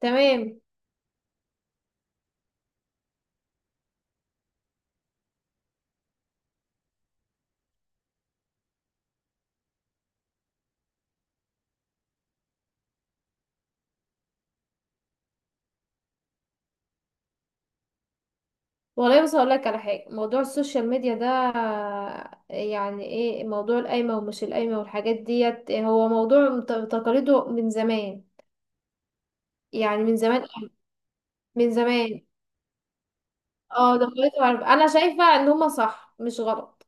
تمام. والله بس هقول لك على حاجه، موضوع السوشيال ميديا ده، يعني ايه موضوع القايمه ومش القايمه والحاجات ديت، هو موضوع تقاليده من زمان. يعني من زمان. من زمان. اه دخلته، عارف، انا شايفه ان هما صح مش غلط.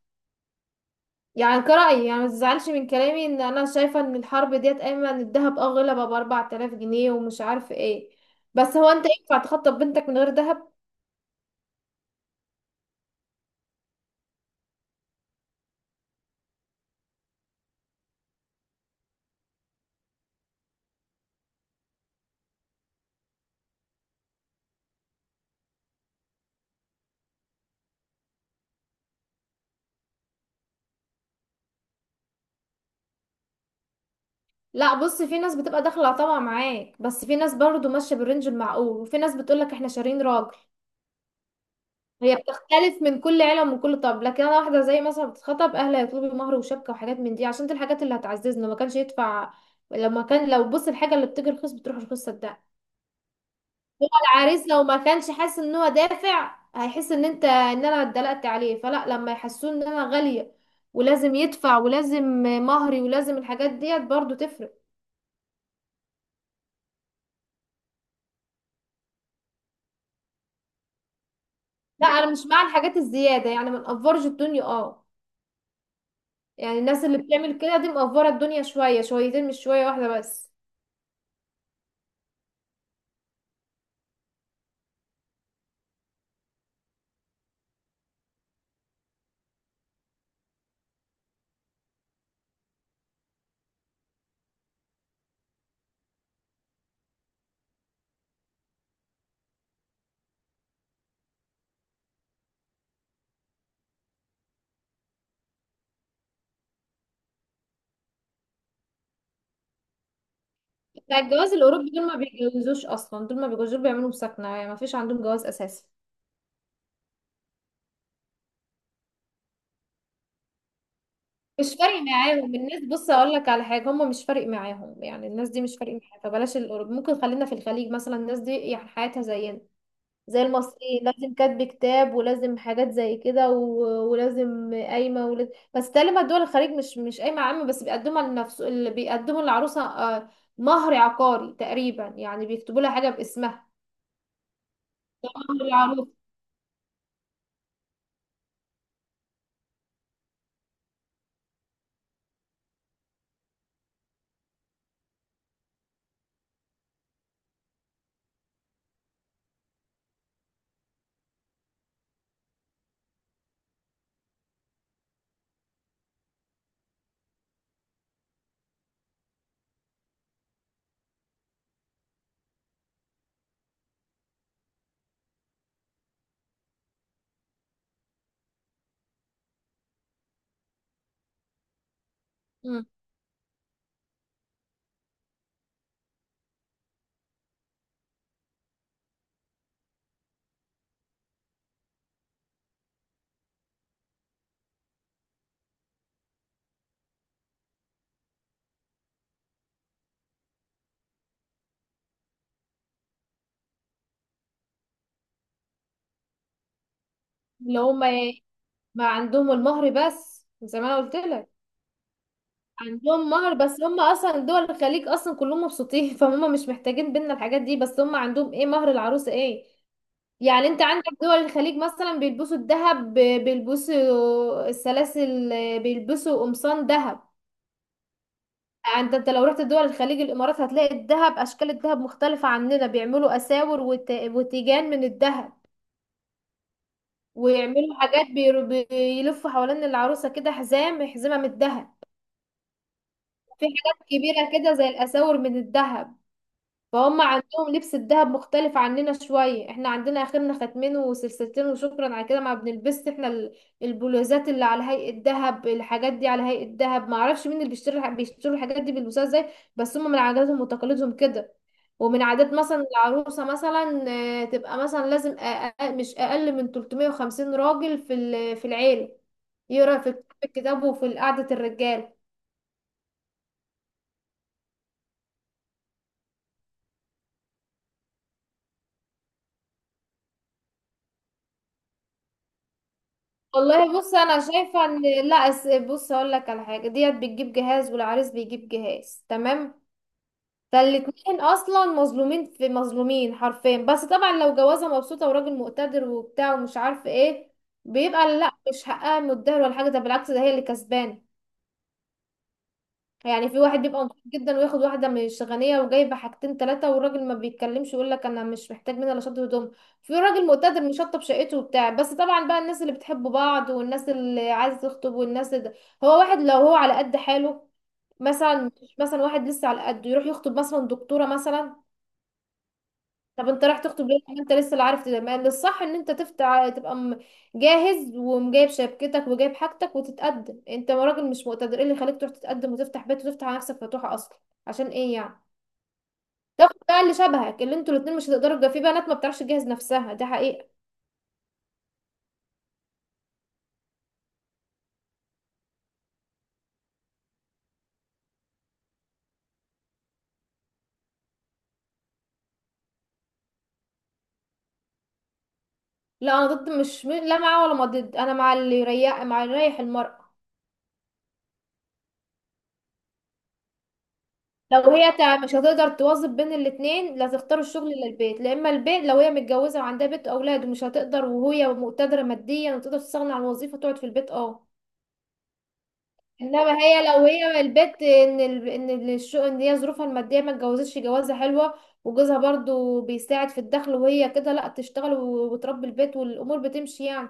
يعني كرأيي، يعني ما تزعلش من كلامي، ان انا شايفه ان الحرب ديت قايمه. ان الذهب غلى بقى ب 4000 جنيه ومش عارف ايه. بس هو انت ينفع تخطب بنتك من غير ذهب؟ لا، بص، في ناس بتبقى داخله طبعا معاك، بس في ناس برضو ماشيه بالرينج المعقول، وفي ناس بتقولك احنا شارين راجل. هي بتختلف من كل عيله ومن كل طب. لكن انا واحده زي مثلا بتتخطب، اهلها يطلبوا مهر وشبكه وحاجات من دي، عشان دي الحاجات اللي هتعززنا. ما كانش يدفع. لما كان، لو بص، الحاجه اللي بتيجي رخيص بتروح رخيص، صدق. هو العريس لو ما كانش حاسس ان هو دافع، هيحس ان انت، ان انا اتدلقت عليه. فلا، لما يحسوه ان انا غاليه ولازم يدفع، ولازم مهري، ولازم الحاجات ديت برضو تفرق. لا، انا مش مع الحاجات الزياده. يعني ما نقفرش الدنيا اه. يعني الناس اللي بتعمل كده دي مقفره الدنيا شويه شويتين مش شويه واحده بس. بتاع الجواز الاوروبي، دول ما بيتجوزوش اصلا. دول ما بيتجوزوش. دول بيعملوا مسكنه، يعني ما فيش عندهم جواز اساسي. مش فارق معاهم الناس. بص، اقول لك على حاجه، هم مش فارق معاهم. يعني الناس دي مش فارق معاها. فبلاش الاوروبي، ممكن خلينا في الخليج مثلا. الناس دي يعني حياتها زينا، زي المصريين، لازم كاتب كتاب، ولازم حاجات زي كده، ولازم قايمه، ولازم. بس تقريبا دول الخليج مش قايمه عامه، بس بيقدمها لنفس اللي بيقدموا للعروسه، مهر عقاري. تقريبا يعني بيكتبوا لها حاجه باسمها، مهر العروسه. مم. اللي هم إيه؟ ما عندهم المهر بس زي ما انا قلت لك. عندهم مهر بس. هم اصلا دول الخليج اصلا كلهم مبسوطين فهم مش محتاجين بينا الحاجات دي. بس هم عندهم ايه؟ مهر العروسه. ايه يعني، انت عندك دول الخليج مثلا بيلبسوا الذهب بيلبسوا السلاسل، بيلبسوا قمصان ذهب. يعني انت، انت لو رحت دول الخليج الامارات، هتلاقي الذهب، اشكال الذهب مختلفة عننا. بيعملوا اساور وتيجان من الذهب. ويعملوا حاجات بيلفوا حوالين العروسة كده حزام، حزمة من الذهب. في حاجات كبيرة كده زي الاساور من الذهب. فهم عندهم لبس الدهب مختلف عننا شوية. احنا عندنا اخرنا ختمين وسلسلتين وشكرا على كده. ما بنلبسش احنا البلوزات اللي على هيئة دهب، الحاجات دي على هيئة دهب، ما اعرفش مين اللي بيشتري بيشتروا الحاجات دي بيلبسوها ازاي. بس هم من عاداتهم وتقاليدهم كده. ومن عادات مثلا العروسة، مثلا، تبقى مثلا لازم أقل، مش اقل من 350 راجل في العيلة يقرا في كتاب، الكتاب، وفي قعدة الرجال. والله بص، انا شايفه ان لا، بص هقول لك على حاجه، ديت بتجيب جهاز والعريس بيجيب جهاز، تمام؟ فالاتنين اصلا مظلومين، في مظلومين حرفيا. بس طبعا لو جوازه مبسوطه وراجل مقتدر وبتاع ومش عارف ايه، بيبقى لا، مش حقها متدهور ولا حاجه، ده بالعكس ده هي اللي كسبانه. يعني في واحد بيبقى نضيف جدا وياخد واحده مش غنيه وجايبه حاجتين ثلاثه، والراجل ما بيتكلمش، يقول لك انا مش محتاج منها لا شط هدوم. في راجل مقتدر مشطب شقته وبتاع. بس طبعا بقى الناس اللي بتحب بعض، والناس اللي عايزه تخطب، والناس ده. هو واحد لو هو على قد حاله، مثلا، مش مثلا، واحد لسه على قد، يروح يخطب مثلا دكتوره مثلا؟ طب انت راح تخطب ليه؟ ما انت لسه، اللي عارف ده، ما الصح ان انت تفتح، تبقى جاهز ومجايب شبكتك وجايب حاجتك وتتقدم. انت راجل مش مقتدر، ايه اللي خليك تروح تتقدم وتفتح بيت وتفتح على نفسك فتوحة اصلا؟ عشان ايه يعني؟ تاخد بقى اللي شبهك، اللي انتوا الاتنين مش هتقدروا في بنات ما بتعرفش تجهز نفسها، ده حقيقة. لا، انا ضد، مش م- لا معاه ولا ما ضد. انا مع اللي يريح، مع اللي يريح المرأة. لو هي مش هتقدر توظف بين الاتنين، لا تختار الشغل، لا البيت، لا، اما البيت، لو هي متجوزه وعندها بيت واولاد ومش هتقدر، وهي مقتدره ماديا وتقدر تستغنى عن الوظيفه، تقعد في البيت اه. انما هي لو هي البيت، ان ان الشغل، ان هي ظروفها الماديه ما اتجوزتش جوازه حلوه، وجوزها برضو بيساعد في الدخل وهي كده، لا تشتغل وتربي البيت والامور بتمشي يعني.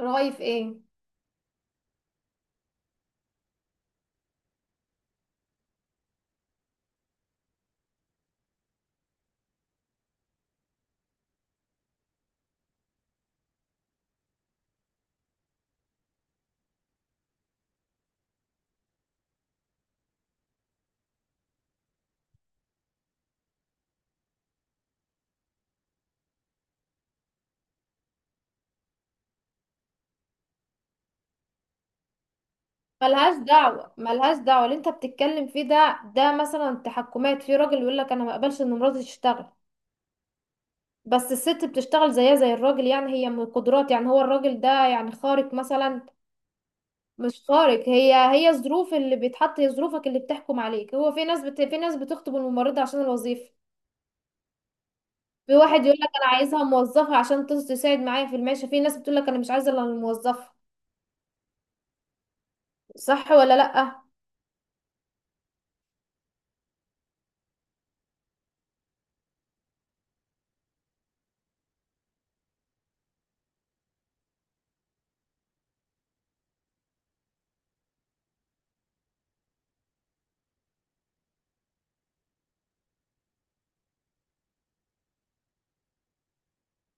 رأي في ايه؟ ملهاش دعوة. اللي انت بتتكلم فيه ده، مثلا تحكمات، في راجل يقول لك انا ما اقبلش ان مراتي تشتغل. بس الست بتشتغل زيها زي الراجل. يعني هي من القدرات، يعني هو الراجل ده يعني خارق مثلا؟ مش خارق. هي، هي الظروف اللي بيتحط، هي ظروفك اللي بتحكم عليك. هو في ناس في ناس بتخطب الممرضة عشان الوظيفة. في واحد يقول لك انا عايزها موظفة عشان تساعد معايا في المعيشة. في ناس بتقول لك انا مش عايزة الا الموظفة، صح ولا لأ؟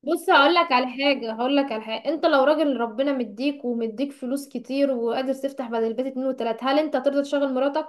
بص هقول لك على حاجة، هقول لك على حاجة، انت لو راجل ربنا مديك ومديك فلوس كتير، وقادر تفتح بدل البيت اتنين وتلاتة، هل انت ترضى تشغل مراتك؟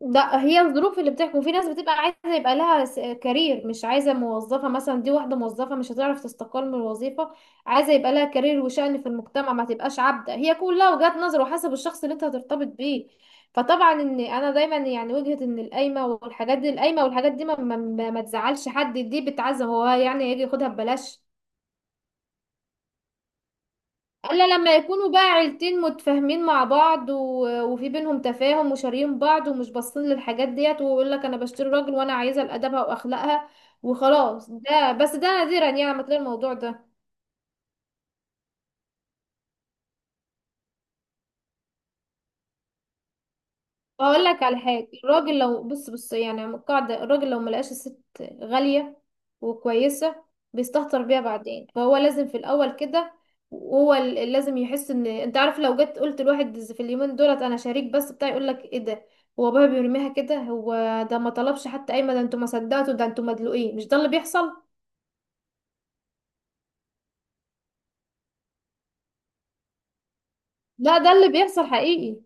ده هي الظروف اللي بتحكم. في ناس بتبقى عايزه يبقى لها كارير، مش عايزه موظفه، مثلا دي واحده موظفه مش هتعرف تستقل من الوظيفه. عايزه يبقى لها كارير وشأن في المجتمع، ما تبقاش عبده. هي كلها وجهات نظر وحسب الشخص اللي انت هترتبط بيه. فطبعا ان انا دايما يعني وجهه ان القايمه والحاجات دي، القايمه والحاجات دي ما تزعلش حد، دي بتعزم هو يعني يجي ياخدها ببلاش. الا لما يكونوا بقى عيلتين متفاهمين مع بعض وفي بينهم تفاهم وشاريين بعض ومش باصين للحاجات ديت، ويقول لك انا بشتري راجل وانا عايزه لادبها واخلاقها وخلاص. ده بس ده نادرا يعني ما تلاقي الموضوع ده. اقول لك على حاجه، الراجل لو بص يعني، عم القاعده، الراجل لو ملقاش الست غاليه وكويسه، بيستهتر بيها بعدين. فهو لازم في الاول كده، وهو لازم يحس ان، انت عارف لو جيت قلت لواحد في اليومين دولت، انا شريك بس بتاع يقول لك ايه ده؟ هو بابا بيرميها كده. هو ده ما طلبش حتى قايمه، ده انتوا ما صدقتوا، ده انتوا مدلوقين. مش ده اللي بيحصل. لا ده اللي بيحصل حقيقي.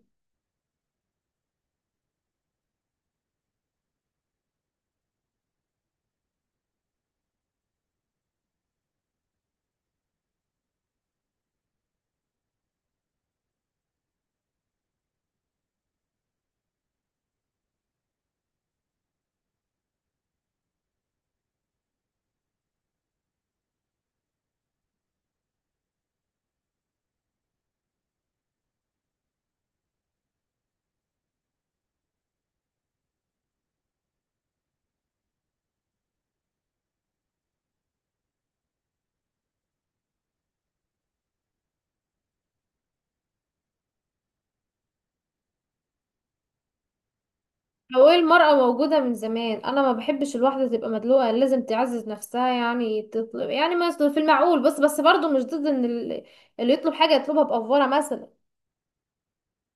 هو المرأة موجودة من زمان. أنا ما بحبش الواحدة تبقى مدلوقة، لازم تعزز نفسها، يعني تطلب يعني مثلا في المعقول. بس، بس برضه مش ضد إن اللي يطلب حاجة يطلبها بأفورة مثلا.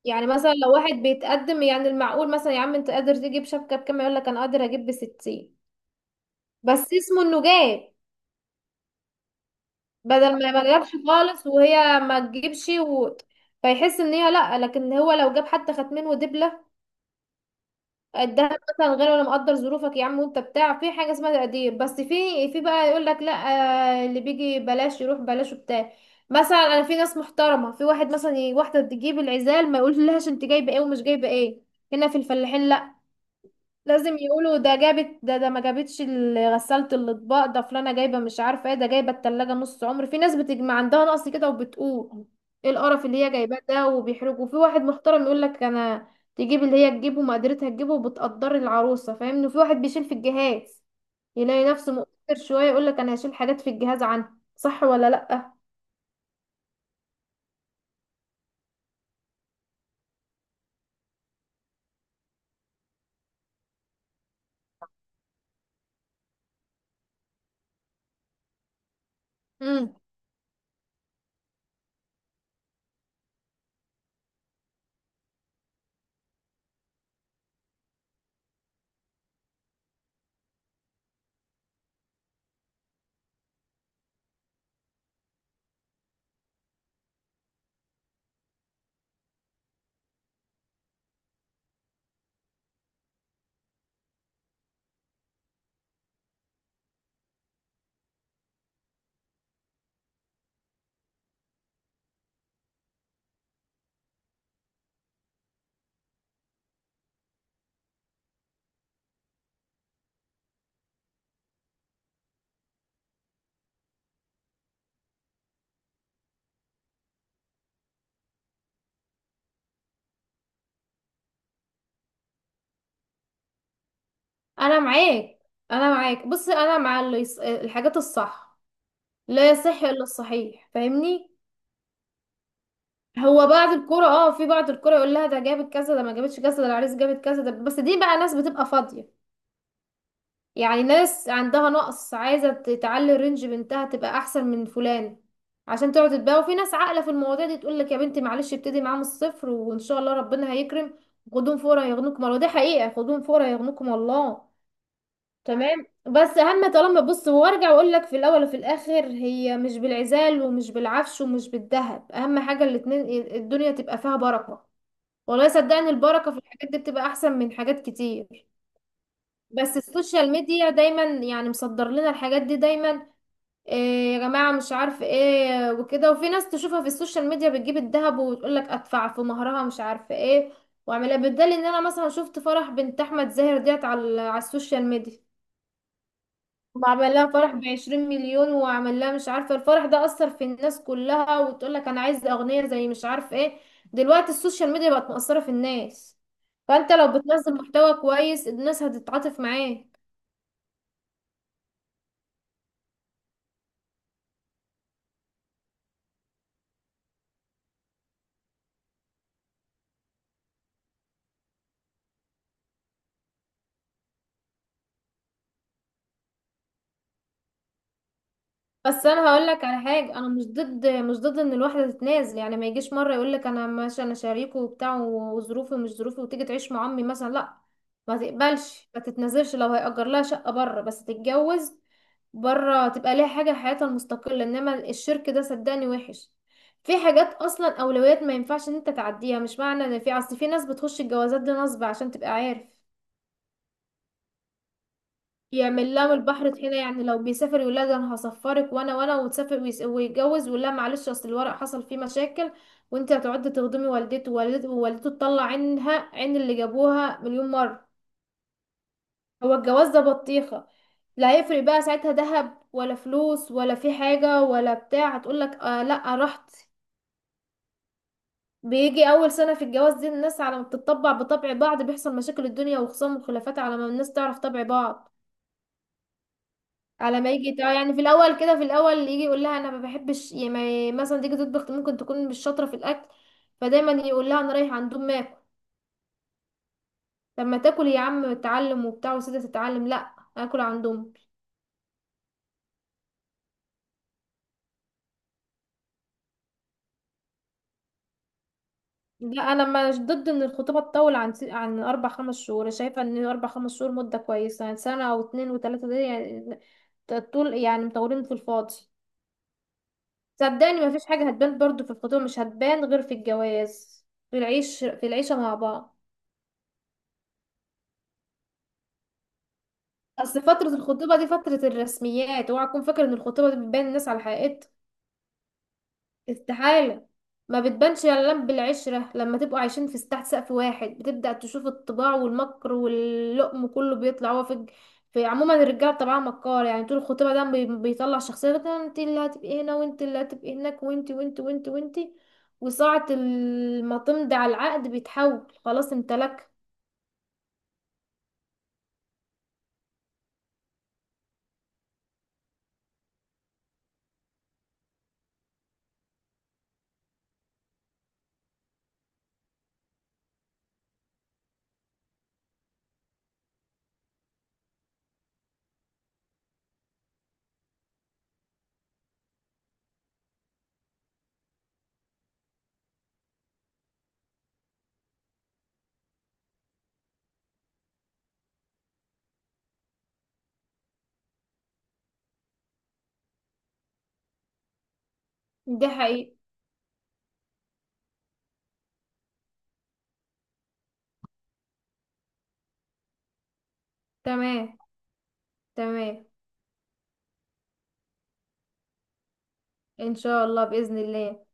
يعني مثلا لو واحد بيتقدم، يعني المعقول مثلا، يا عم أنت قادر تجيب شبكة بكام؟ يقول لك أنا قادر أجيب بستين. بس اسمه إنه جاب، بدل ما ما جابش خالص وهي ما تجيبش فيحس إن هي لأ. لكن هو لو جاب حتى خاتمين ودبلة الدهب مثلا، غير ولا مقدر ظروفك يا عم؟ وانت بتاع، في حاجه اسمها تقدير. بس في، بقى يقول لك لا اللي بيجي بلاش يروح بلاش وبتاع. مثلا انا في ناس محترمه، في واحد مثلا واحده تجيب العزال ما يقولش لهاش انت جايبه ايه ومش جايبه ايه. هنا في الفلاحين لا، لازم يقولوا ده جابت، ده ده ما جابتش غسالة الاطباق، ده فلانة جايبة مش عارفة ايه، ده جايبة التلاجة نص عمر. في ناس بتجمع عندها نقص كده وبتقول ايه القرف اللي هي جايباه ده، وبيحرجوا. في واحد محترم يقول لك انا، تجيب اللي هي تجيبه ما قدرتها تجيبه، وبتقدر العروسة، فاهمني؟ وفي واحد بيشيل في الجهاز، يلاقي نفسه مقصر شوية، يقول لك انا هشيل حاجات في الجهاز عنها، صح ولا لأ؟ امم. انا معاك، انا معاك. بص انا مع اللي الحاجات الصح. لا يصح الا الصحيح، فاهمني؟ هو بعض الكرة اه، في بعض الكرة يقول لها ده جابت كذا، ده ما جابتش كذا، ده العريس جابت كذا. ده بس دي بقى ناس بتبقى فاضية، يعني ناس عندها نقص عايزة تعلي الرينج بنتها تبقى احسن من فلان، عشان تقعد تتباهى. وفي ناس عاقلة في المواضيع دي تقول لك يا بنتي معلش، ابتدي معاه من الصفر وان شاء الله ربنا هيكرم. خدوهم فورا يغنوكم الله، دي حقيقة، خدوهم فورا يغنوكم الله. تمام. بس اهم، طالما، بص وارجع واقول لك، في الاول وفي الاخر هي مش بالعزال ومش بالعفش ومش بالذهب، اهم حاجة الاتنين الدنيا تبقى فيها بركة. والله صدقني البركة في الحاجات دي بتبقى احسن من حاجات كتير. بس السوشيال ميديا دايما يعني مصدر لنا الحاجات دي دايما. إيه يا جماعة مش عارف ايه وكده. وفي ناس تشوفها في السوشيال ميديا بتجيب الذهب وتقول لك ادفع في مهرها مش عارف ايه. واعملها بالدليل، ان انا مثلا شفت فرح بنت احمد زاهر ديت على، على السوشيال ميديا، وعمل لها فرح ب 20 مليون وعمل لها مش عارفة. الفرح ده أثر في الناس كلها وتقول لك أنا عايز أغنية زي مش عارفة ايه. دلوقتي السوشيال ميديا بقت مأثرة في الناس. فأنت لو بتنزل محتوى كويس الناس هتتعاطف معاه. بس انا هقول لك على حاجه، انا مش ضد ان الواحده تتنازل. يعني ما يجيش مره يقول لك انا ماشي انا شريكه وبتاع وظروفي ومش ظروفي وتيجي تعيش مع امي مثلا، لا. ما تقبلش، ما تتنازلش. لو هيأجر لها شقه بره بس تتجوز بره، تبقى ليها حاجه، حياتها المستقله. انما الشرك ده صدقني وحش. في حاجات اصلا اولويات ما ينفعش ان انت تعديها. مش معنى ان في اصل، في ناس بتخش الجوازات دي نصب، عشان تبقى عارف، يعمل لها من البحر طحينة. يعني لو بيسافر يقول لها ده انا هسفرك، وانا وانا، وتسافر ويتجوز ويقول لها معلش اصل الورق حصل فيه مشاكل، وانت هتقعدي تخدمي والدته ووالدته ووالدته، تطلع عينها عين اللي جابوها مليون مرة. هو الجواز ده بطيخة؟ لا، هيفرق بقى ساعتها ذهب ولا فلوس ولا في حاجة ولا بتاع؟ هتقول لك آه لا رحت. بيجي اول سنة في الجواز دي الناس على ما بتطبع بطبع بعض، بيحصل مشاكل الدنيا وخصام وخلافات على ما الناس تعرف طبع بعض. على ما يجي يعني في الاول كده، في الاول يجي يقول لها انا ما بحبش، يعني مثلا تيجي تطبخ ممكن تكون مش شاطره في الاكل، فدايما يقول لها انا رايح عندهم ماكل. طب ما تاكل يا عم، اتعلم وبتاع وسيده تتعلم، لا اكل عندهم. لا انا مش ضد ان الخطوبه تطول عن عن 4 5 شهور. أنا شايفه ان 4 5 شهور مده كويسه. يعني سنه او اتنين وتلاته دي يعني طول، يعني مطولين في الفاضي. صدقني ما فيش حاجه هتبان برضو في الخطوبه، مش هتبان غير في الجواز، في العيش، في العيشه مع بعض. اصل فترة الخطوبة دي فترة الرسميات. اوعى تكون فاكر ان الخطوبة دي بتبين الناس على حقيقتها، استحالة. ما بتبانش الا لما بالعشرة، لما تبقوا عايشين في تحت سقف واحد، بتبدأ تشوف الطباع والمكر واللقم كله بيطلع. هو في في عموما الرجالة طبعا مكار. يعني طول الخطوبة ده بيطلع شخصية انت اللي هتبقي هنا وانت اللي هتبقي هناك، وانت وانت وانت وانت. وساعة ما تمضي على العقد بيتحول خلاص امتلك. دي حقيقة. تمام. تمام. ان شاء الله، بإذن الله.